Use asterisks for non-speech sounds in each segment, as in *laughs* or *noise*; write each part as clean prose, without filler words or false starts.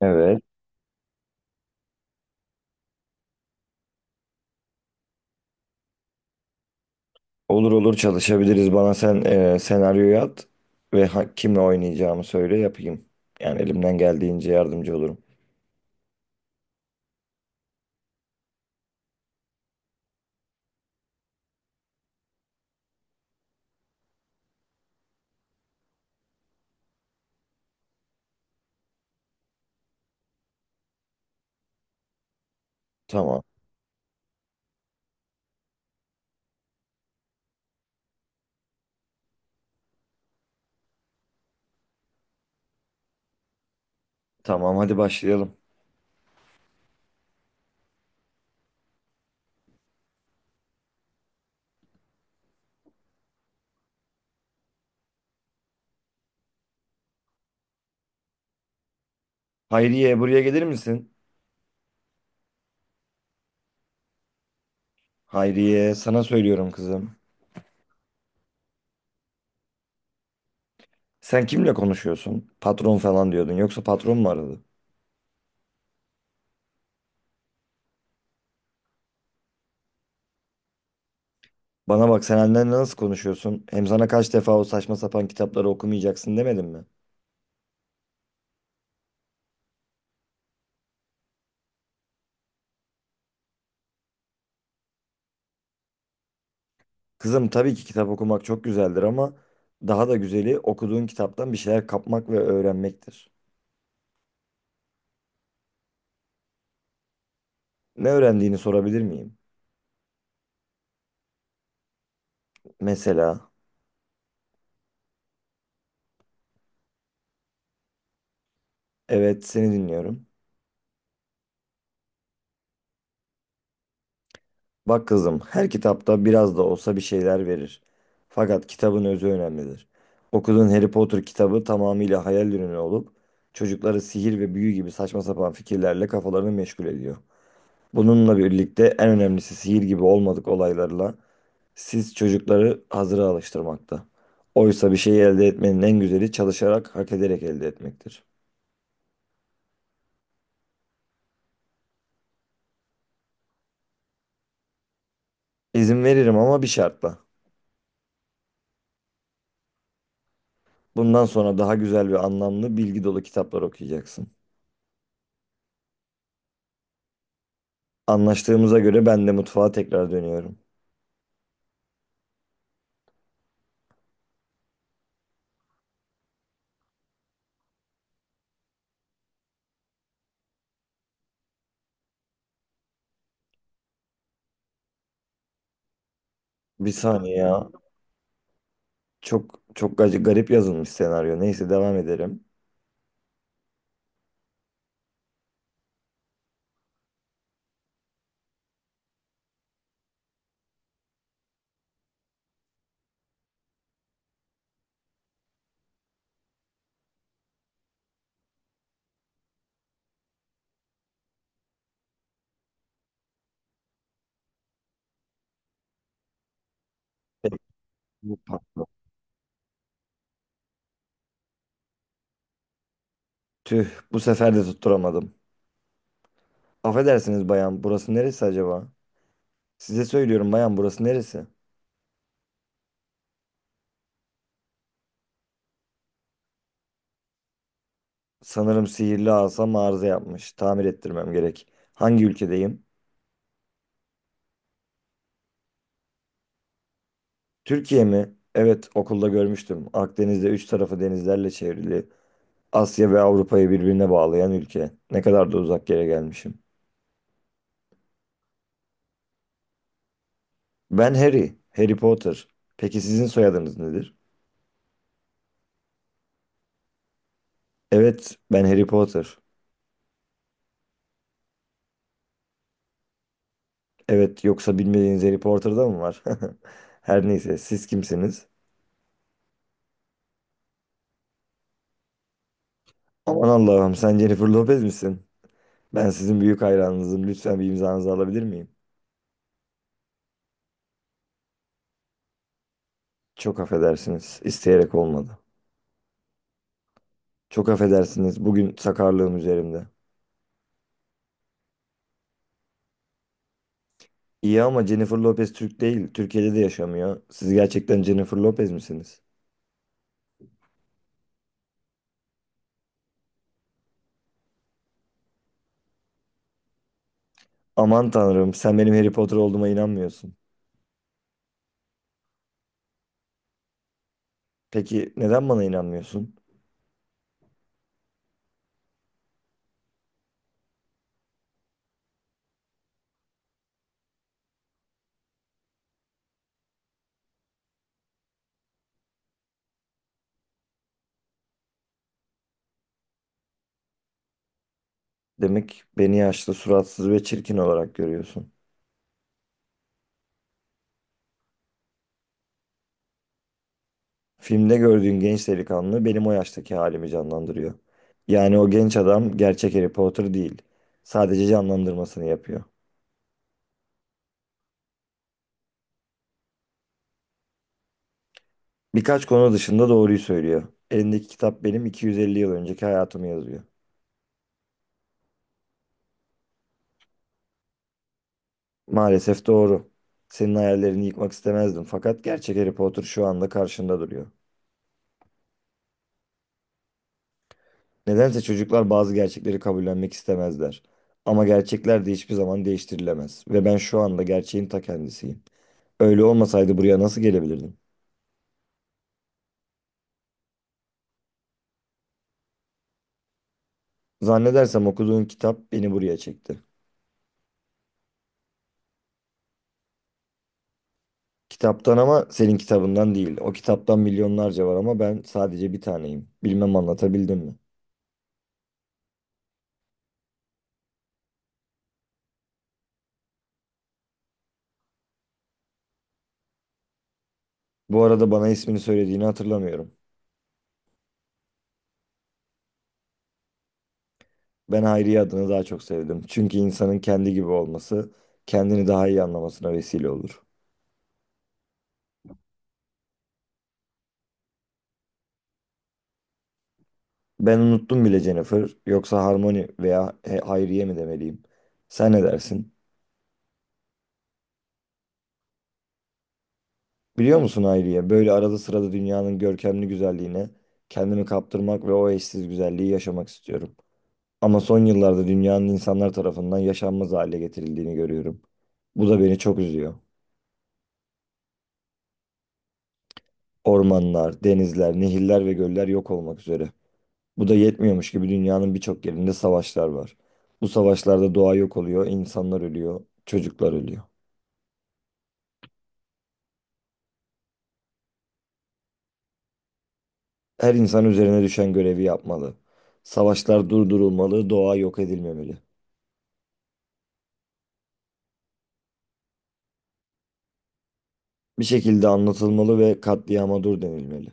Evet. Olur olur çalışabiliriz. Bana sen senaryoyu at ve kimle oynayacağımı söyle yapayım. Yani elimden geldiğince yardımcı olurum. Tamam. Tamam hadi başlayalım. Hayriye buraya gelir misin? Hayriye sana söylüyorum kızım. Sen kimle konuşuyorsun? Patron falan diyordun. Yoksa patron mu aradı? Bana bak sen annenle nasıl konuşuyorsun? Hem sana kaç defa o saçma sapan kitapları okumayacaksın demedim mi? Kızım tabii ki kitap okumak çok güzeldir ama daha da güzeli okuduğun kitaptan bir şeyler kapmak ve öğrenmektir. Ne öğrendiğini sorabilir miyim? Mesela, evet seni dinliyorum. Bak kızım, her kitapta biraz da olsa bir şeyler verir. Fakat kitabın özü önemlidir. Okuduğun Harry Potter kitabı tamamıyla hayal ürünü olup çocukları sihir ve büyü gibi saçma sapan fikirlerle kafalarını meşgul ediyor. Bununla birlikte en önemlisi sihir gibi olmadık olaylarla siz çocukları hazıra alıştırmakta. Oysa bir şeyi elde etmenin en güzeli çalışarak, hak ederek elde etmektir. İzin veririm ama bir şartla. Bundan sonra daha güzel ve anlamlı, bilgi dolu kitaplar okuyacaksın. Anlaştığımıza göre ben de mutfağa tekrar dönüyorum. Bir saniye ya. Çok çok garip yazılmış senaryo. Neyse devam edelim. Peki, bu patladı. Tüh, bu sefer de tutturamadım. Affedersiniz bayan, burası neresi acaba? Size söylüyorum bayan, burası neresi? Sanırım sihirli asam arıza yapmış. Tamir ettirmem gerek. Hangi ülkedeyim? Türkiye mi? Evet, okulda görmüştüm. Akdeniz'de üç tarafı denizlerle çevrili. Asya ve Avrupa'yı birbirine bağlayan ülke. Ne kadar da uzak yere gelmişim. Ben Harry, Harry Potter. Peki sizin soyadınız nedir? Evet, ben Harry Potter. Evet, yoksa bilmediğiniz Harry Potter'da mı var? *laughs* Her neyse, siz kimsiniz? Aman Allah'ım, sen Jennifer Lopez misin? Ben sizin büyük hayranınızım. Lütfen bir imzanızı alabilir miyim? Çok affedersiniz. İsteyerek olmadı. Çok affedersiniz. Bugün sakarlığım üzerimde. İyi ama Jennifer Lopez Türk değil. Türkiye'de de yaşamıyor. Siz gerçekten Jennifer Lopez misiniz? Aman tanrım, sen benim Harry Potter olduğuma inanmıyorsun. Peki neden bana inanmıyorsun? Demek beni yaşlı, suratsız ve çirkin olarak görüyorsun. Filmde gördüğün genç delikanlı benim o yaştaki halimi canlandırıyor. Yani o genç adam gerçek Harry Potter değil. Sadece canlandırmasını yapıyor. Birkaç konu dışında doğruyu söylüyor. Elindeki kitap benim 250 yıl önceki hayatımı yazıyor. Maalesef doğru. Senin hayallerini yıkmak istemezdim fakat gerçek Harry Potter şu anda karşında duruyor. Nedense çocuklar bazı gerçekleri kabullenmek istemezler. Ama gerçekler de hiçbir zaman değiştirilemez ve ben şu anda gerçeğin ta kendisiyim. Öyle olmasaydı buraya nasıl gelebilirdim? Zannedersem okuduğun kitap beni buraya çekti. Kitaptan ama senin kitabından değil. O kitaptan milyonlarca var ama ben sadece bir taneyim. Bilmem anlatabildim mi? Bu arada bana ismini söylediğini hatırlamıyorum. Ben Hayriye adını daha çok sevdim. Çünkü insanın kendi gibi olması kendini daha iyi anlamasına vesile olur. Ben unuttum bile Jennifer. Yoksa Harmony veya Hayriye mi demeliyim? Sen ne dersin? Biliyor musun Hayriye, böyle arada sırada dünyanın görkemli güzelliğine kendimi kaptırmak ve o eşsiz güzelliği yaşamak istiyorum. Ama son yıllarda dünyanın insanlar tarafından yaşanmaz hale getirildiğini görüyorum. Bu da beni çok üzüyor. Ormanlar, denizler, nehirler ve göller yok olmak üzere. Bu da yetmiyormuş gibi dünyanın birçok yerinde savaşlar var. Bu savaşlarda doğa yok oluyor, insanlar ölüyor, çocuklar ölüyor. Her insan üzerine düşen görevi yapmalı. Savaşlar durdurulmalı, doğa yok edilmemeli. Bir şekilde anlatılmalı ve katliama dur denilmeli.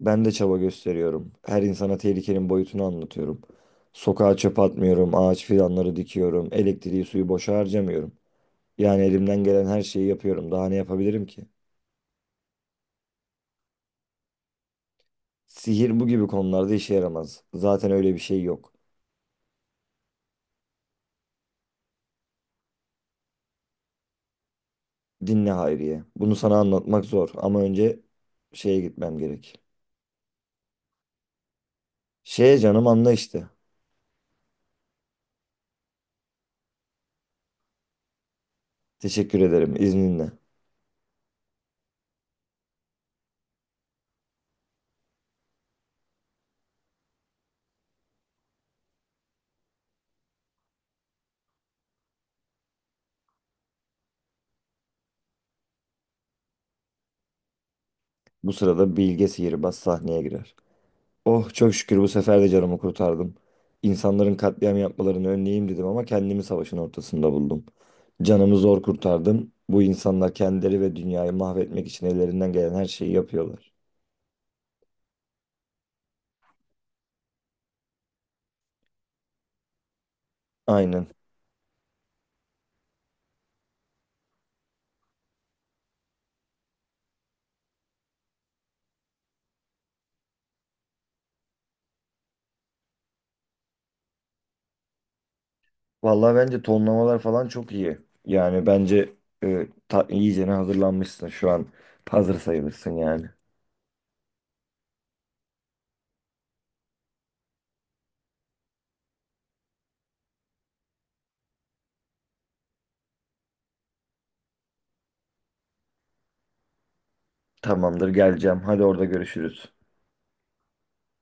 Ben de çaba gösteriyorum. Her insana tehlikenin boyutunu anlatıyorum. Sokağa çöp atmıyorum, ağaç fidanları dikiyorum, elektriği suyu boşa harcamıyorum. Yani elimden gelen her şeyi yapıyorum. Daha ne yapabilirim ki? Sihir bu gibi konularda işe yaramaz. Zaten öyle bir şey yok. Dinle Hayriye. Bunu sana anlatmak zor ama önce şeye gitmem gerek. Şeye canım anla işte. Teşekkür ederim izninle. Bu sırada Bilge Sihirbaz sahneye girer. Oh çok şükür bu sefer de canımı kurtardım. İnsanların katliam yapmalarını önleyeyim dedim ama kendimi savaşın ortasında buldum. Canımı zor kurtardım. Bu insanlar kendileri ve dünyayı mahvetmek için ellerinden gelen her şeyi yapıyorlar. Aynen. Vallahi bence tonlamalar falan çok iyi. Yani bence iyicene hazırlanmışsın şu an. Hazır sayılırsın yani. Tamamdır geleceğim. Hadi orada görüşürüz.